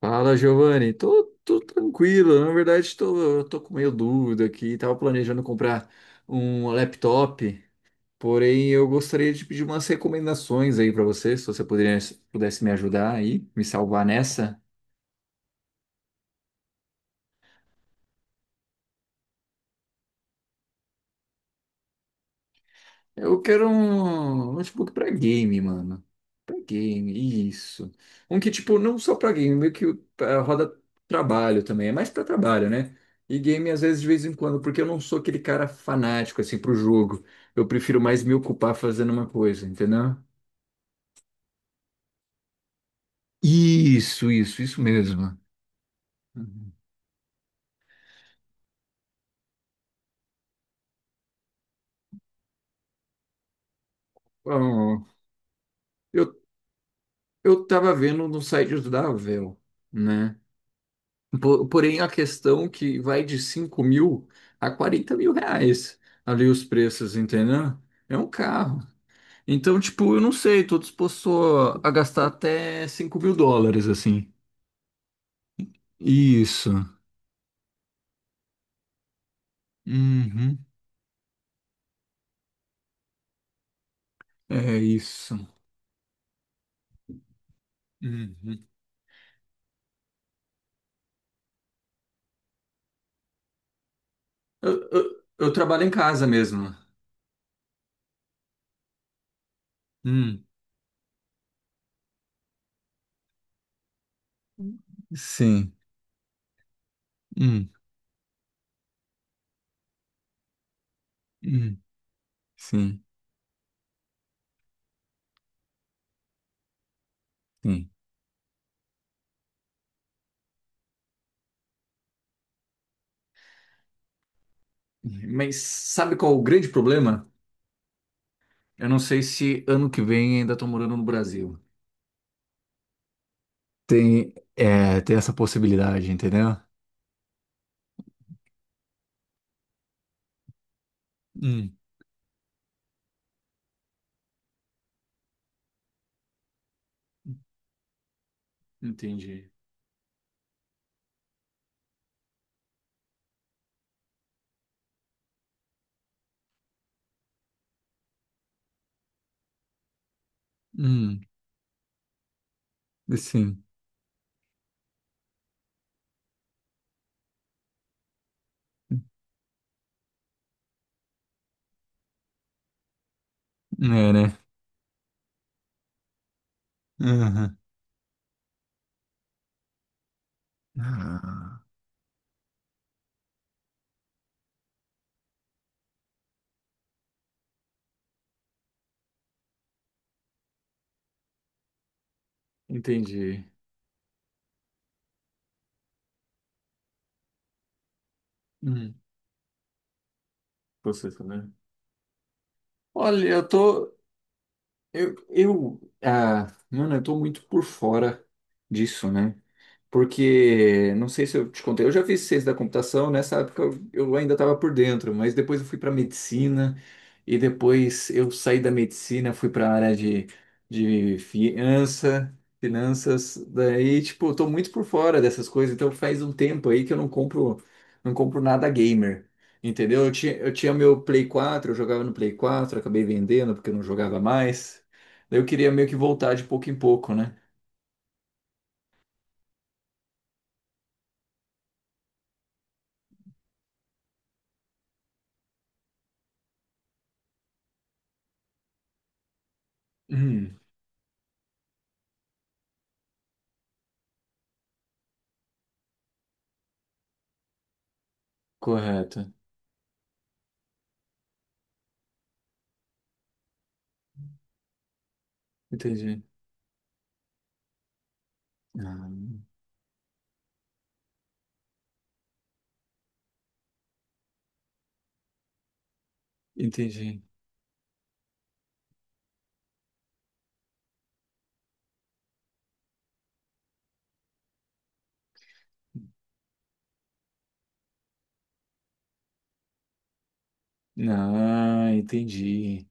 Fala, Giovanni. Tô tranquilo. Na verdade, tô com meio dúvida aqui. Tava planejando comprar um laptop, porém eu gostaria de pedir umas recomendações aí pra você, se você pudesse me ajudar aí, me salvar nessa. Eu quero um notebook pra game, mano. Pra game, isso. Um que, tipo, não só pra game, meio que roda trabalho também. É mais pra trabalho, né? E game, às vezes, de vez em quando, porque eu não sou aquele cara fanático, assim, pro jogo. Eu prefiro mais me ocupar fazendo uma coisa, entendeu? Isso mesmo. Uhum. Bom, eu, eu tava vendo no site da Valve, né? Porém, a questão que vai de 5 mil a 40 mil reais ali os preços, entendeu? É um carro. Então, tipo, eu não sei, tô disposto a gastar até 5 mil dólares, assim. Isso. Uhum. É isso. Uhum. Eu trabalho em casa mesmo. Hum. Sim. Hum. Hum. Sim. Sim. Mas sabe qual é o grande problema? Eu não sei se ano que vem ainda tô morando no Brasil. Tem, é, tem essa possibilidade, entendeu? Hum, Entendi. Hum, sim, é, né? Aham. Ah, entendi. Hum. Você também. Olha, eu tô. Mano, eu tô muito por fora disso, né? Porque, não sei se eu te contei, eu já fiz ciência da computação, nessa época eu ainda estava por dentro, mas depois eu fui para medicina, e depois eu saí da medicina, fui para a área de finanças, daí, tipo, eu tô muito por fora dessas coisas, então faz um tempo aí que eu não compro, não compro nada gamer, entendeu? Eu tinha meu Play 4, eu jogava no Play 4, acabei vendendo porque eu não jogava mais, daí eu queria meio que voltar de pouco em pouco, né? Hum, correto, entendi. Ah, entendi. Ah, entendi.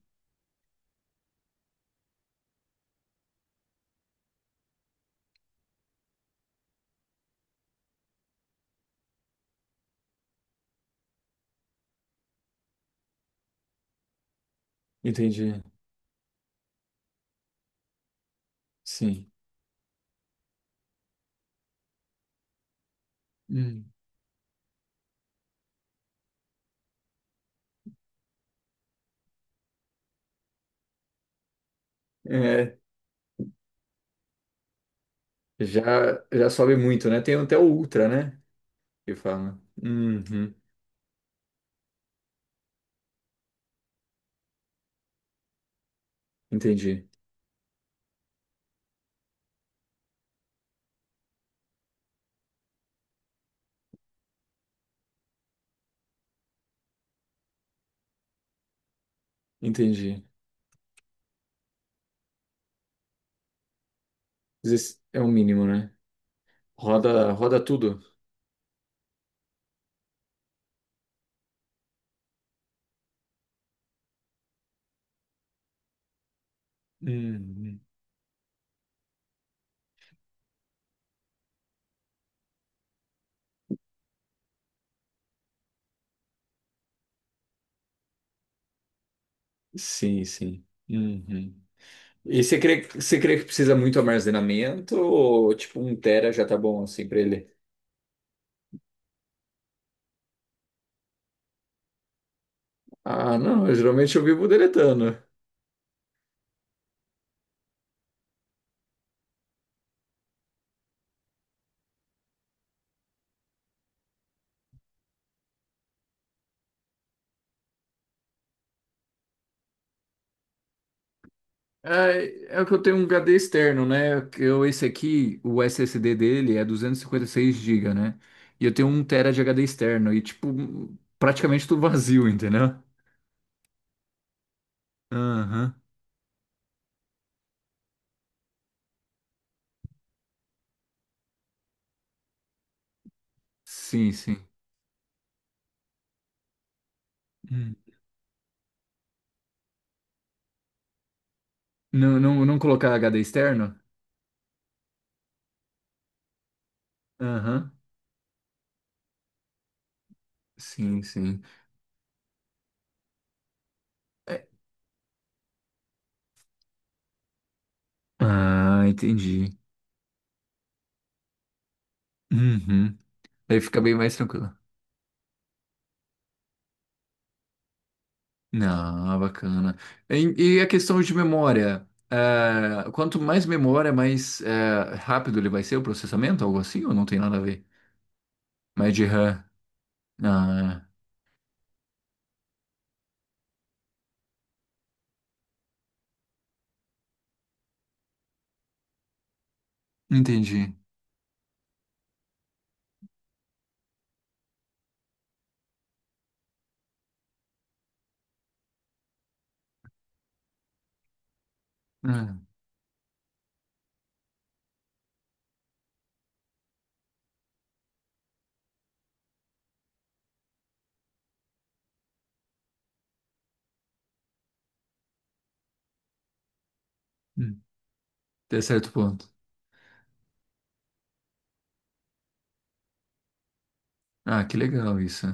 Entendi. Sim. Hum. É, já sobe muito, né? Tem até o Ultra, né? Que fala. Uhum. Entendi. Entendi. Mas esse é o mínimo, né? Roda tudo. Uhum. Sim, sim. Uhum. E você crê que precisa muito armazenamento ou tipo 1 TB já tá bom assim pra ele? Ah, não, geralmente eu vivo deletando. É, é que eu tenho um HD externo, né? Que eu, esse aqui, o SSD dele é 256 GB, né? E eu tenho 1 TB de HD externo e, tipo, um, praticamente tudo vazio, entendeu? Aham. Sim, sim. Hum. Não, não, não colocar HD externo? Aham. Sim, sim. É- Ah, entendi. Uhum. Aí fica bem mais tranquilo. Ah, bacana. E a questão de memória? É, quanto mais memória, mais é, rápido ele vai ser o processamento, algo assim, ou não tem nada a ver? Mais de RAM. Ah, é, entendi. Ah, hum, até certo ponto. Ah, que legal isso.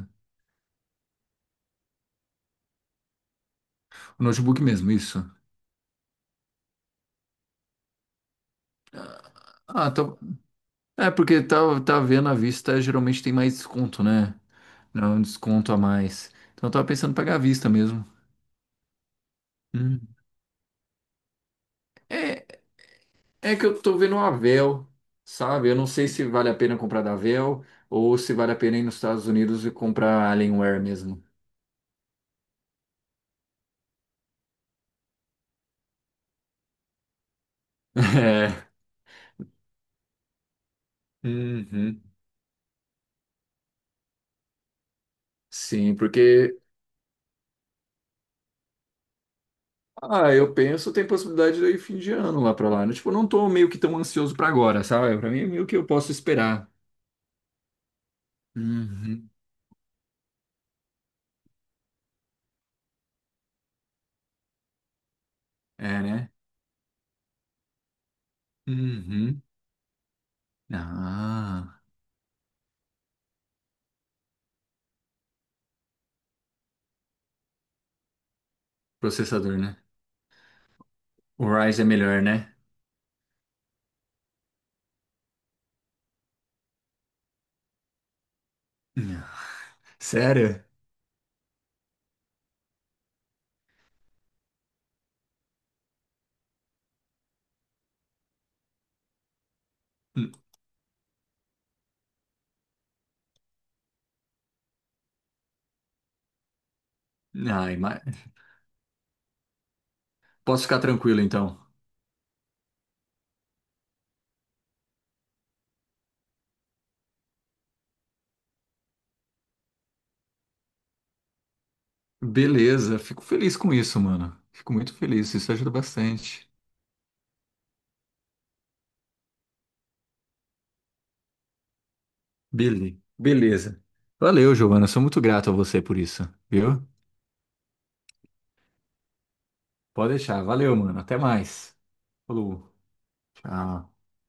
O notebook mesmo, isso. Ah, tá. É porque tá, tá vendo à vista, geralmente tem mais desconto, né? Não, um desconto a mais. Então eu tava pensando em pagar à vista mesmo. Hum. É, é que eu tô vendo uma Vel, sabe? Eu não sei se vale a pena comprar da Vel ou se vale a pena ir nos Estados Unidos e comprar Alienware mesmo. É. Uhum. Sim, porque ah, eu penso tem possibilidade de eu ir fim de ano lá pra lá. Tipo, eu não tô meio que tão ansioso pra agora, sabe? Pra mim é meio que eu posso esperar. Uhum. É, né? Uhum. Ah, processador, né? O Ryzen é melhor, né? Sério? Ai, mas posso ficar tranquilo então. Beleza, fico feliz com isso, mano. Fico muito feliz, isso ajuda bastante. Beleza. Valeu, Giovana, sou muito grato a você por isso, viu? Pode deixar, valeu, mano. Até mais. Falou. Tchau.